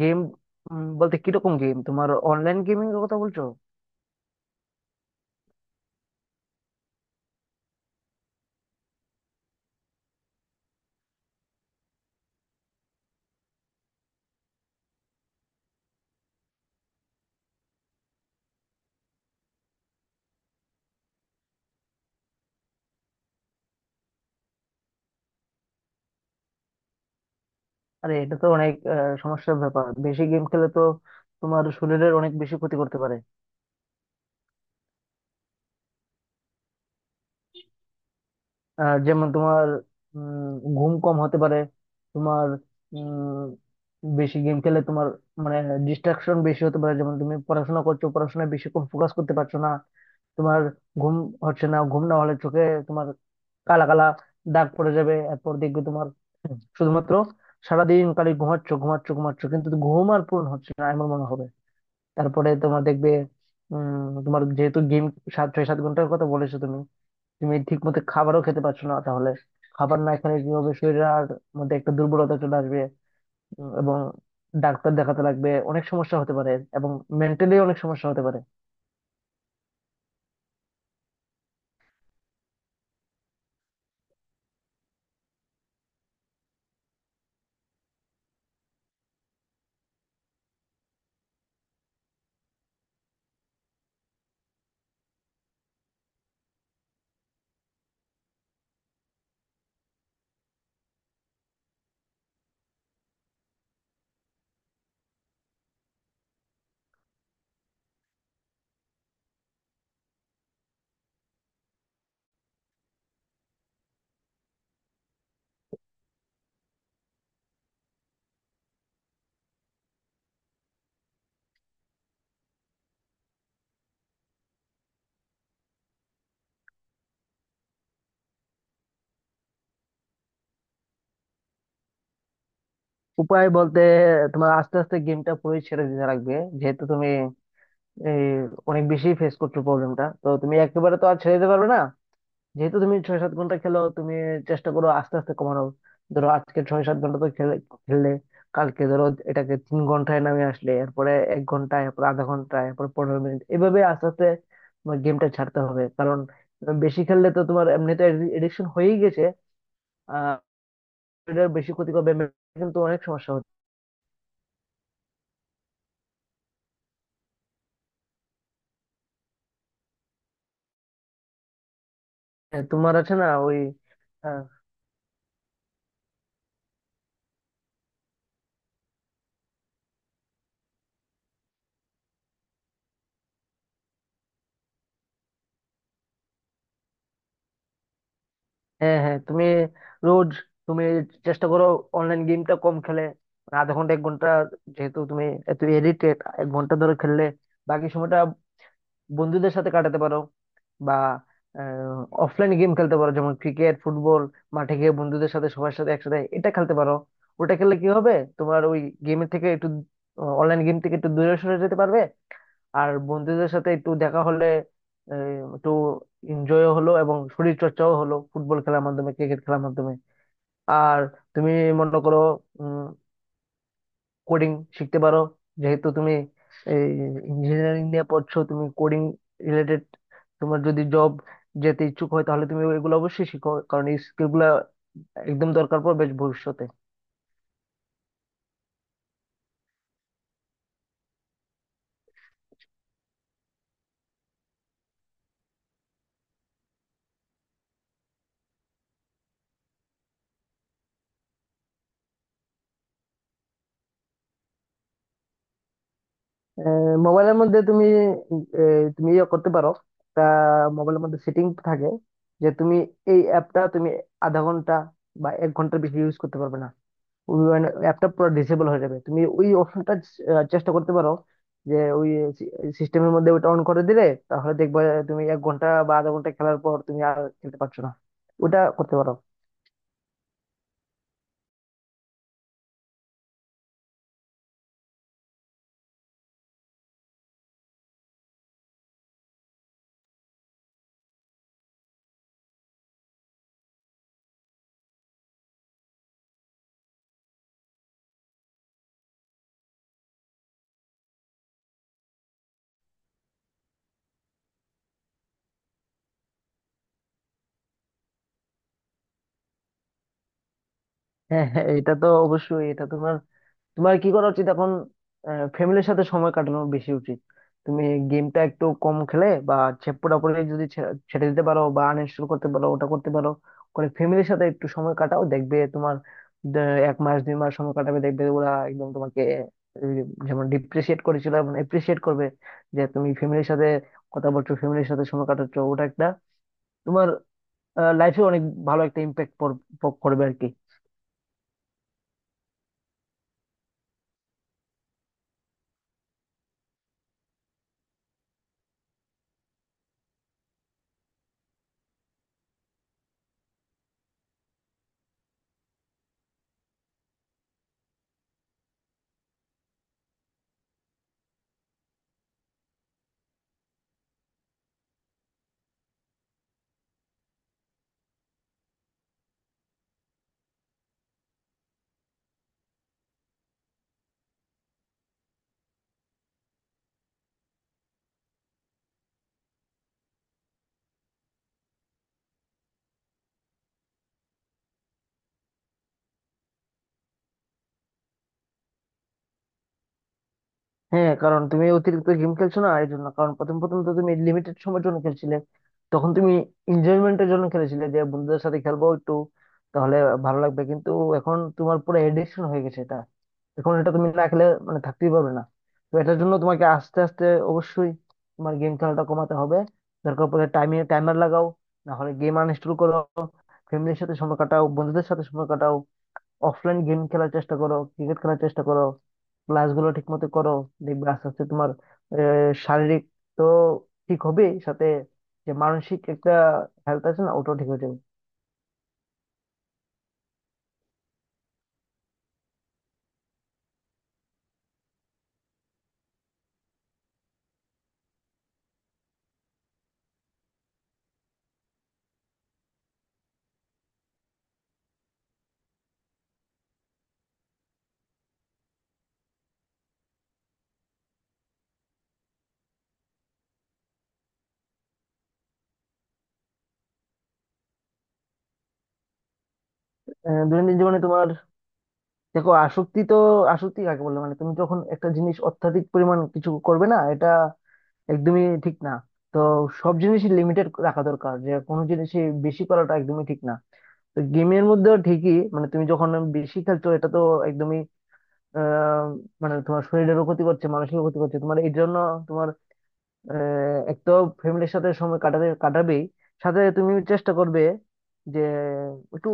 Game বলতে কিরকম game? তোমার অনলাইন গেমিং এর কথা বলছো? আরে, এটা তো অনেক সমস্যার ব্যাপার। বেশি গেম খেলে তো তোমার শরীরের অনেক বেশি ক্ষতি করতে পারে। যেমন তোমার উম, ঘুম কম হতে পারে। তোমার বেশি গেম খেলে তোমার মানে ডিস্ট্রাকশন বেশি হতে পারে। যেমন, তুমি পড়াশোনা করছো, পড়াশোনায় বেশি কম ফোকাস করতে পারছো না। তোমার ঘুম হচ্ছে না। ঘুম না হলে চোখে তোমার কালা কালা দাগ পড়ে যাবে। এরপর দেখবে তোমার শুধুমাত্র সারাদিন খালি ঘুমাচ্ছ ঘুমাচ্ছ ঘুমাচ্ছ, কিন্তু ঘুম আর পূর্ণ হচ্ছে না এমন মনে হবে। তারপরে তোমার দেখবে, তোমার যেহেতু গেম 6-7 ঘন্টার কথা বলেছো তুমি, তুমি ঠিক মতো খাবারও খেতে পারছো না তাহলে। খাবার না খেলে কি হবে, শরীরের আর মধ্যে একটা দুর্বলতা চলে আসবে। এবং ডাক্তার দেখাতে লাগবে, অনেক সমস্যা হতে পারে। এবং মেন্টালি অনেক সমস্যা হতে পারে। উপায় বলতে, তোমার আস্তে আস্তে গেমটা পুরোই ছেড়ে দিতে লাগবে। যেহেতু তুমি এই অনেক বেশি ফেস করছো প্রবলেমটা, তো তুমি একেবারে তো আর ছেড়ে দিতে পারবে না। যেহেতু তুমি 6-7 ঘন্টা খেলো, তুমি চেষ্টা করো আস্তে আস্তে কমানো। ধরো, আজকে 6-7 ঘন্টা তো খেলে খেললে, কালকে ধরো এটাকে 3 ঘন্টায় নামিয়ে আসলে, এরপরে 1 ঘন্টায়, এরপর আধা ঘন্টায়, এরপর 15 মিনিট, এভাবে আস্তে আস্তে তোমার গেমটা ছাড়তে হবে। কারণ বেশি খেললে তো তোমার এমনিতে এডিকশন হয়েই গেছে। আহ এটার বেশি ক্ষতি করবে, কিন্তু অনেক সমস্যা হচ্ছে। তোমার আছে না ওই। হ্যাঁ, হ্যাঁ, তুমি রোজ তুমি চেষ্টা করো অনলাইন গেমটা কম খেলে, মানে আধা ঘন্টা 1 ঘন্টা। যেহেতু তুমি এত এডিক্টেড, 1 ঘন্টা ধরে খেললে বাকি সময়টা বন্ধুদের সাথে কাটাতে পারো, বা অফলাইন গেম খেলতে পারো, যেমন ক্রিকেট ফুটবল। মাঠে গিয়ে বন্ধুদের সাথে সবার সাথে একসাথে এটা খেলতে পারো। ওটা খেললে কি হবে, তোমার ওই গেমের থেকে একটু অনলাইন গেম থেকে একটু দূরে সরে যেতে পারবে। আর বন্ধুদের সাথে একটু দেখা হলে একটু এনজয়ও হলো, এবং শরীর চর্চাও হলো ফুটবল খেলার মাধ্যমে, ক্রিকেট খেলার মাধ্যমে। আর তুমি মনে করো কোডিং শিখতে পারো। যেহেতু তুমি এই ইঞ্জিনিয়ারিং নিয়ে পড়ছো, তুমি কোডিং রিলেটেড তোমার যদি জব যেতে ইচ্ছুক হয়, তাহলে তুমি এগুলো অবশ্যই শিখো, কারণ এই স্কিল গুলা একদম দরকার পড়বে ভবিষ্যতে। মোবাইলের মধ্যে তুমি তুমি ইয়ে করতে পারো। তা মোবাইলের মধ্যে সেটিং থাকে, যে তুমি এই অ্যাপটা তুমি আধা ঘন্টা বা 1 ঘন্টার বেশি ইউজ করতে পারবে না। ওই অ্যাপটা পুরো ডিসেবল হয়ে যাবে, তুমি ওই অপশনটা চেষ্টা করতে পারো, যে ওই সিস্টেমের মধ্যে ওটা অন করে দিলে, তাহলে দেখবে তুমি 1 ঘন্টা বা আধা ঘন্টা খেলার পর তুমি আর খেলতে পারছো না। ওটা করতে পারো। হ্যাঁ, হ্যাঁ, এটা তো অবশ্যই, এটা তোমার তোমার কি করা উচিত এখন, ফ্যামিলির সাথে সময় কাটানো বেশি উচিত। তুমি গেমটা একটু কম খেলে, বা হচ্ছে পুরোপুরি যদি ছেড়ে দিতে পারো, বা আনইনস্টল করতে পারো, ওটা করতে পারো। করে ফ্যামিলির সাথে একটু সময় কাটাও, দেখবে তোমার দে- 1 মাস 2 মাস সময় কাটাবে, দেখবে ওরা একদম তোমাকে এই, যেমন ডিপ্রিসিয়েট করেছিল এবং এপ্রিসিয়েট করবে, যে তুমি ফ্যামিলির সাথে কথা বলছো, ফ্যামিলির সাথে সময় কাটাচ্ছ, ওটা একটা তোমার লাইফে অনেক ভালো একটা ইম্প্যাক্ট করবে আর কি। হ্যাঁ, কারণ তুমি অতিরিক্ত গেম খেলছো না এই জন্য। কারণ প্রথম প্রথম তো তুমি লিমিটেড সময়ের জন্য খেলছিলে। তখন তুমি এনজয়মেন্টের জন্য খেলেছিলে, যে বন্ধুদের সাথে খেলবো একটু, তাহলে ভালো লাগবে। কিন্তু এখন তোমার পুরো এডিকশন হয়ে গেছে এটা। এখন এটা তুমি না খেলে মানে থাকতেই পারবে না। তো এটার জন্য তোমাকে আস্তে আস্তে অবশ্যই তোমার গেম খেলাটা কমাতে হবে। দরকার পড়লে টাইমে টাইমার লাগাও। না হলে গেম আনইনস্টল করো। ফ্যামিলির সাথে সময় কাটাও, বন্ধুদের সাথে সময় কাটাও। অফলাইন গেম খেলার চেষ্টা করো, ক্রিকেট খেলার চেষ্টা করো। ক্লাস গুলো ঠিক মতো করো। দেখবে আস্তে আস্তে তোমার শারীরিক তো ঠিক হবে, সাথে যে মানসিক একটা হেলথ আছে না, ওটাও ঠিক হয়ে যাবে। দৈনন্দিন জীবনে তোমার, দেখো আসক্তি তো, আসক্তি কাকে বলে মানে তুমি যখন একটা জিনিস অত্যাধিক পরিমাণ কিছু করবে না, এটা একদমই ঠিক না। তো সব জিনিসই লিমিটেড রাখা দরকার, যে কোনো জিনিসই বেশি করাটা একদমই ঠিক না। তো গেমের মধ্যেও ঠিকই, মানে তুমি যখন বেশি খেলছো এটা তো আহ মানে তোমার শরীরেরও ক্ষতি করছে, মানসিকও ক্ষতি করছে, তোমার এই জন্য তোমার এক তো ফ্যামিলির সাথে সময় কাটাতে কাটাবেই। সাথে তুমি চেষ্টা করবে যে একটু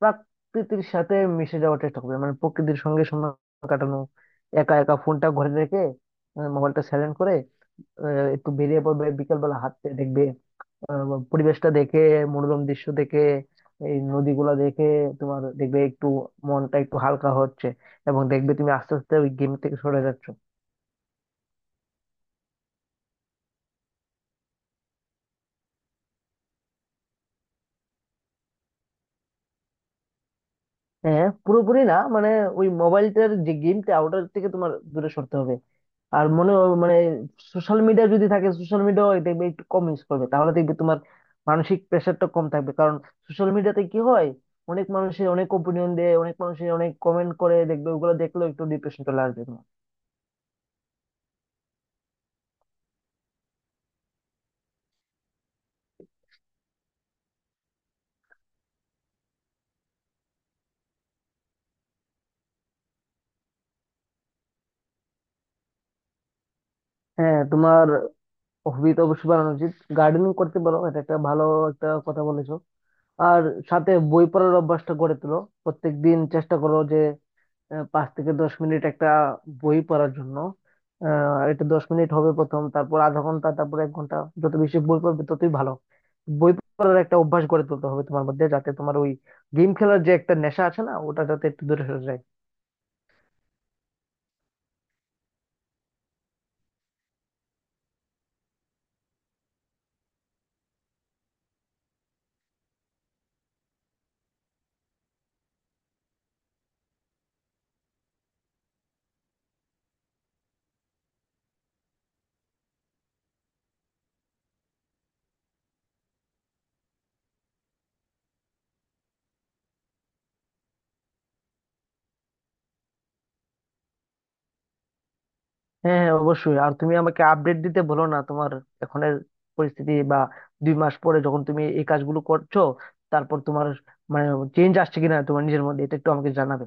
প্রকৃতির সাথে মিশে যাওয়ার চেষ্টা করবে, মানে প্রকৃতির সঙ্গে সময় কাটানো। একা একা ফোনটা ঘরে রেখে, মোবাইলটা সাইলেন্ট করে আহ, একটু বেরিয়ে পড়বে বিকেল বেলা হাঁটতে, দেখবে আহ, পরিবেশটা দেখে, মনোরম দৃশ্য দেখে, এই নদীগুলা দেখে, তোমার দেখবে একটু মনটা একটু হালকা হচ্ছে, এবং দেখবে তুমি আস্তে আস্তে ওই গেম থেকে সরে যাচ্ছ। হ্যাঁ, পুরোপুরি না, মানে ওই মোবাইলটার যে গেমটা, ওটার থেকে তোমার দূরে সরতে হবে। আর মনে মানে সোশ্যাল মিডিয়া যদি থাকে, সোশ্যাল মিডিয়া দেখবে একটু কম ইউজ করবে, তাহলে দেখবে তোমার মানসিক প্রেশারটা কম থাকবে। কারণ সোশ্যাল মিডিয়াতে কি হয়, অনেক মানুষের অনেক ওপিনিয়ন দেয়, অনেক মানুষের অনেক কমেন্ট করে, দেখবে ওগুলো দেখলেও একটু ডিপ্রেশন চলে আসবে তোমার। হ্যাঁ, তোমার হবি তো অবশ্যই বানানো উচিত। গার্ডেনিং করতে পারো, এটা একটা ভালো, একটা কথা বলেছো। আর সাথে বই পড়ার অভ্যাসটা গড়ে তোলো। প্রত্যেকদিন চেষ্টা করো যে 5-10 মিনিট একটা বই পড়ার জন্য। এটা 10 মিনিট হবে প্রথম, তারপর আধা ঘন্টা, তারপর 1 ঘন্টা। যত বেশি বই পড়বে ততই ভালো। বই পড়ার একটা অভ্যাস গড়ে তুলতে হবে তোমার মধ্যে, যাতে তোমার ওই গেম খেলার যে একটা নেশা আছে না, ওটা যাতে একটু দূরে সরে যায়। হ্যাঁ, অবশ্যই, আর তুমি আমাকে আপডেট দিতে বলো না, তোমার এখনের পরিস্থিতি বা 2 মাস পরে যখন তুমি এই কাজগুলো করছো, তারপর তোমার মানে চেঞ্জ আসছে কিনা তোমার নিজের মধ্যে, এটা একটু আমাকে জানাবে।